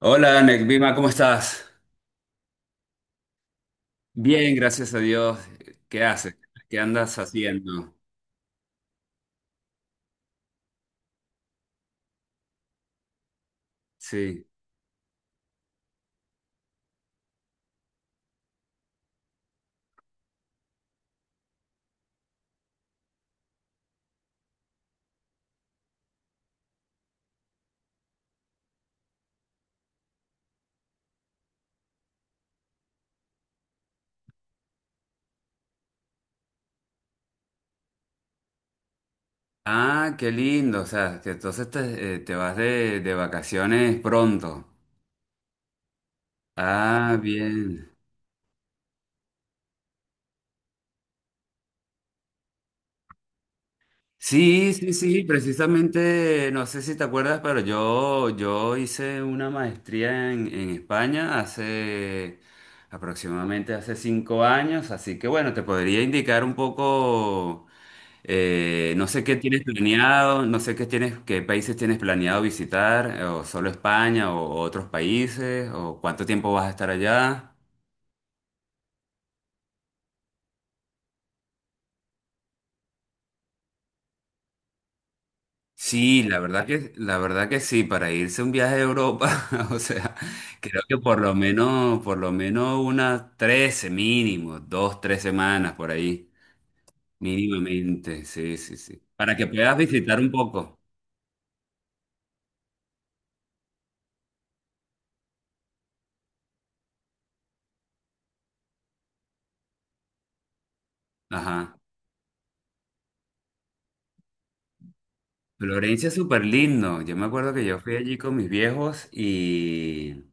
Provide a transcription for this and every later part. Hola, Nekvima, ¿cómo estás? Bien, gracias a Dios. ¿Qué haces? ¿Qué andas haciendo? Sí. Ah, qué lindo. O sea, que entonces te vas de vacaciones pronto. Ah, bien. Sí, sí, sí, precisamente, no sé si te acuerdas, pero yo hice una maestría en España hace aproximadamente hace 5 años, así que bueno, te podría indicar un poco. No sé qué tienes planeado, no sé qué tienes, qué países tienes planeado visitar, o solo España, o otros países, o cuánto tiempo vas a estar allá. Sí, la verdad que sí, para irse un viaje a Europa, o sea, creo que por lo menos unas 13 mínimo, 2, 3 semanas por ahí, mínimamente, sí, sí, sí. Para que puedas visitar un poco. Ajá. Florencia es súper lindo. Yo me acuerdo que yo fui allí con mis viejos y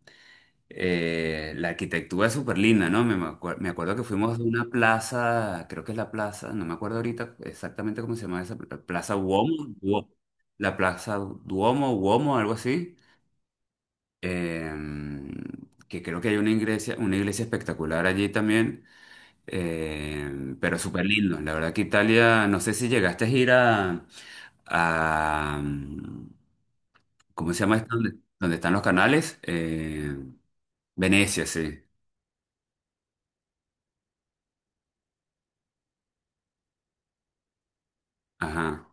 eh, la arquitectura es súper linda, ¿no? Me acuerdo que fuimos a una plaza, creo que es la plaza, no me acuerdo ahorita exactamente cómo se llama esa plaza Uomo, Duo- la plaza Duomo, Uomo, algo así, em, que creo que hay una iglesia espectacular allí también, pero súper lindo. La verdad que Italia, no sé si llegaste a ir a, ¿cómo se llama esto? Donde, donde están los canales. Venecia, sí, ajá.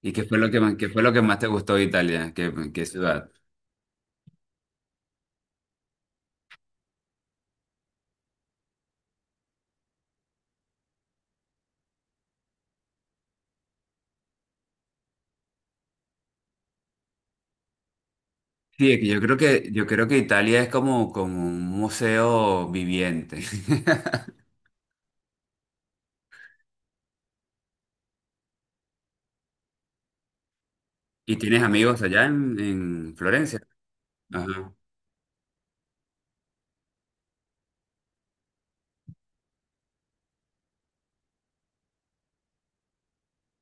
¿Y qué fue lo que más, qué fue lo que más te gustó de Italia? ¿Qué, qué ciudad? Sí, es que yo creo que, yo creo que Italia es como, como un museo viviente. ¿Y tienes amigos allá en Florencia? Ajá,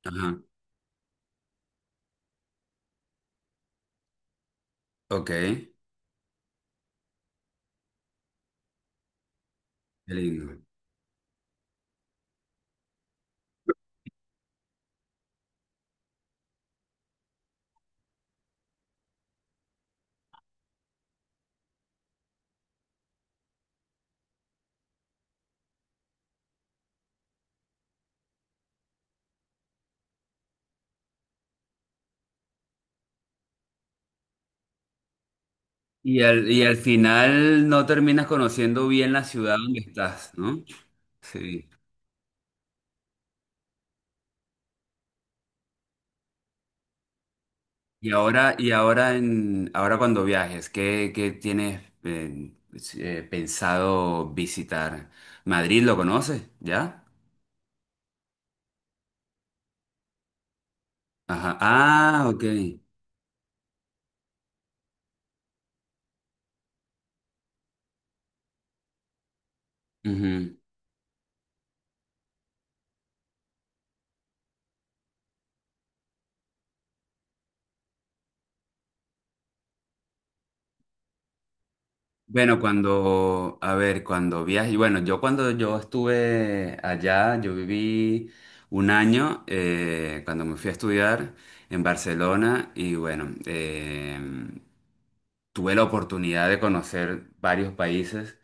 ajá. Ok, qué lindo. Y al final no terminas conociendo bien la ciudad donde estás, ¿no? Sí. Y ahora en, ahora cuando viajes, ¿qué, qué tienes pensado visitar? ¿Madrid lo conoces? ¿Ya? Ajá. Ah, ok. Ujú. Bueno, cuando, a ver, cuando viaje, bueno, yo cuando yo estuve allá, yo viví un año cuando me fui a estudiar en Barcelona y bueno, tuve la oportunidad de conocer varios países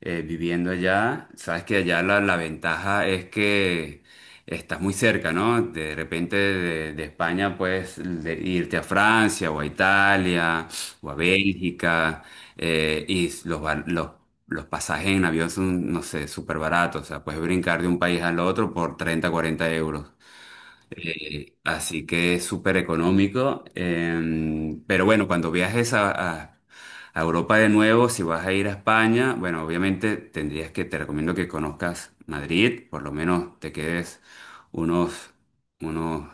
viviendo allá, sabes que allá la, la ventaja es que estás muy cerca, ¿no? De repente de España puedes irte a Francia o a Italia o a Bélgica y los, los pasajes en avión son, no sé, súper baratos, o sea, puedes brincar de un país al otro por 30 40 euros. Así que es súper económico. Pero bueno, cuando viajes a, a Europa de nuevo, si vas a ir a España, bueno, obviamente tendrías que, te recomiendo que conozcas Madrid, por lo menos te quedes unos, unos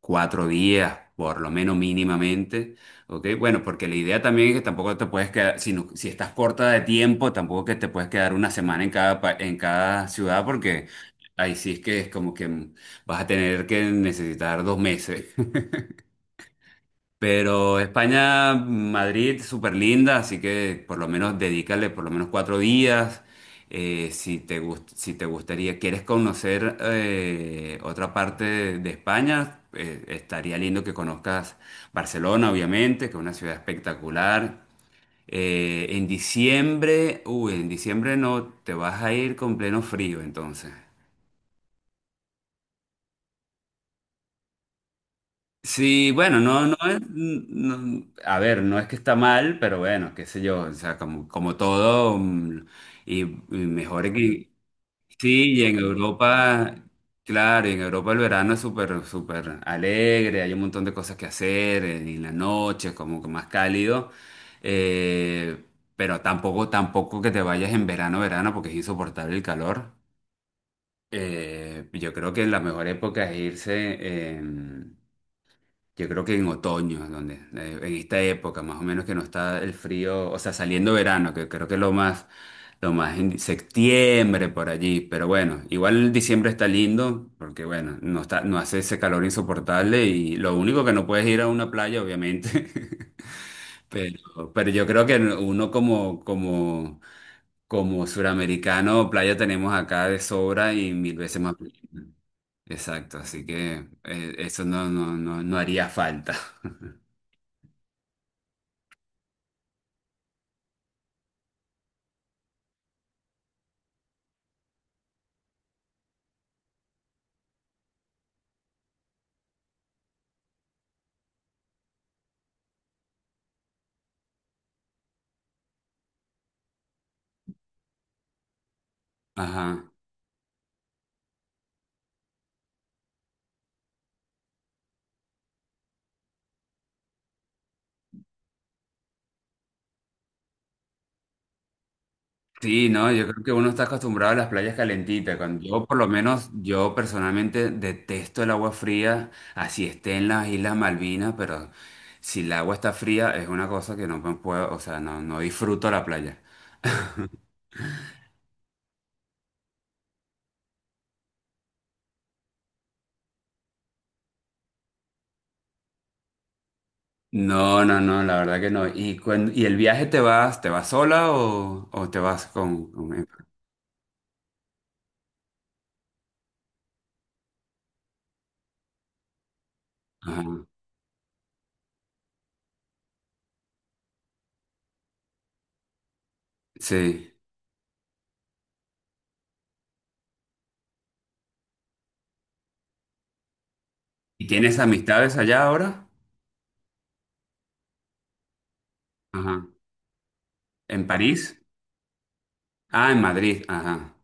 4 días, por lo menos mínimamente, ¿ok? Bueno, porque la idea también es que tampoco te puedes quedar, si, si estás corta de tiempo, tampoco que te puedes quedar una semana en cada, en cada ciudad, porque ahí sí es que es como que vas a tener que necesitar 2 meses. Pero España, Madrid, súper linda, así que por lo menos dedícale por lo menos 4 días. Si si te gustaría, quieres conocer otra parte de España, estaría lindo que conozcas Barcelona, obviamente, que es una ciudad espectacular. En diciembre, uy, en diciembre no, te vas a ir con pleno frío, entonces. Sí, bueno, no, no es, no- a ver, no es que está mal, pero bueno, qué sé yo, o sea, como, como todo, y mejor que, sí, y en Europa, claro, y en Europa el verano es súper, súper alegre, hay un montón de cosas que hacer, y en la noche es como que más cálido, eh, pero tampoco, tampoco que te vayas en verano, verano, porque es insoportable el calor. Yo creo que la mejor época es irse. Eh, yo creo que en otoño, donde, en esta época, más o menos que no está el frío, o sea, saliendo verano, que creo que es lo más en septiembre por allí. Pero bueno, igual diciembre está lindo, porque bueno, no está, no hace ese calor insoportable y lo único que no puedes ir a una playa, obviamente. Pero yo creo que uno como, como, como suramericano, playa tenemos acá de sobra y 1.000 veces más. Exacto, así que eso no, no, no, no haría falta. Ajá. Sí, no, yo creo que uno está acostumbrado a las playas calentitas. Cuando yo, por lo menos, yo personalmente detesto el agua fría, así esté en las Islas Malvinas, pero si el agua está fría es una cosa que no me puedo, o sea, no, no disfruto la playa. No, no, no, la verdad que no. ¿Y, y el viaje te vas sola o te vas con, Ajá. Sí. ¿Y tienes amistades allá ahora? Ajá. ¿En París? Ah, en Madrid, ajá.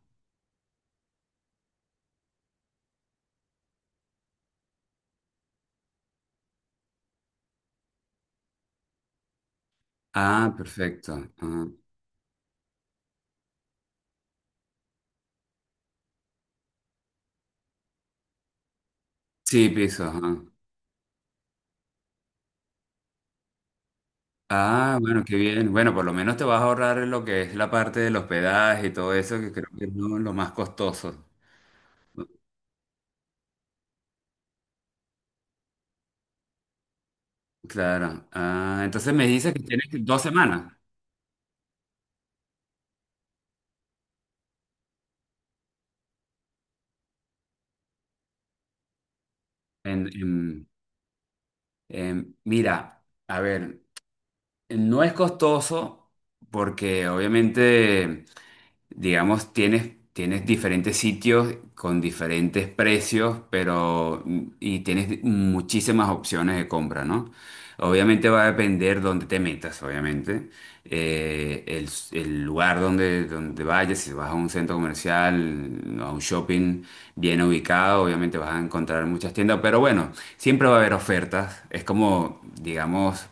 Ah, perfecto. Ah. Sí, pisos. Ajá. Ah, bueno, qué bien. Bueno, por lo menos te vas a ahorrar lo que es la parte del hospedaje y todo eso, que creo que es lo más costoso. Claro. Ah, entonces me dices que tienes 2 semanas. En, en- Mira, a ver, no es costoso porque obviamente digamos, tienes, tienes diferentes sitios con diferentes precios, pero y tienes muchísimas opciones de compra, ¿no? Obviamente va a depender dónde te metas, obviamente. El lugar donde, donde vayas, si vas a un centro comercial, a un shopping bien ubicado, obviamente vas a encontrar muchas tiendas, pero bueno, siempre va a haber ofertas. Es como, digamos,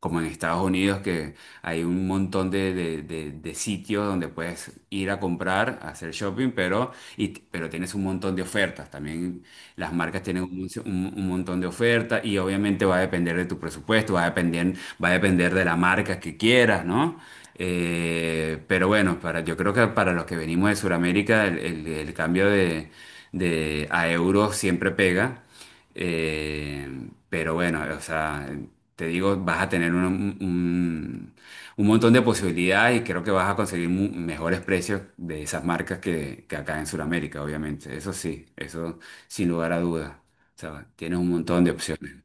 como en Estados Unidos, que hay un montón de, de sitios donde puedes ir a comprar, a hacer shopping, pero, y, pero tienes un montón de ofertas. También las marcas tienen un, un montón de ofertas y obviamente va a depender de tu presupuesto, va a depender de la marca que quieras, ¿no? Pero bueno, para, yo creo que para los que venimos de Sudamérica, el, el cambio de- a euros siempre pega. Eh, pero bueno, o sea, te digo, vas a tener un, un- un montón de posibilidades y creo que vas a conseguir mejores precios de esas marcas que acá en Sudamérica, obviamente. Eso sí, eso sin lugar a dudas. O sea, tienes un montón de opciones.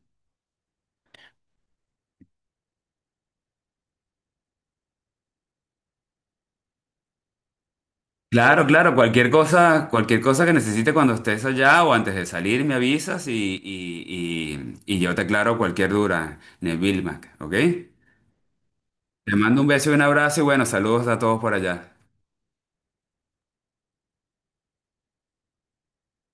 Claro, claro, cualquier cosa que necesites cuando estés allá o antes de salir, me avisas y, y yo te aclaro cualquier duda, Neville Mac, ¿ok? Te mando un beso y un abrazo y bueno, saludos a todos por allá.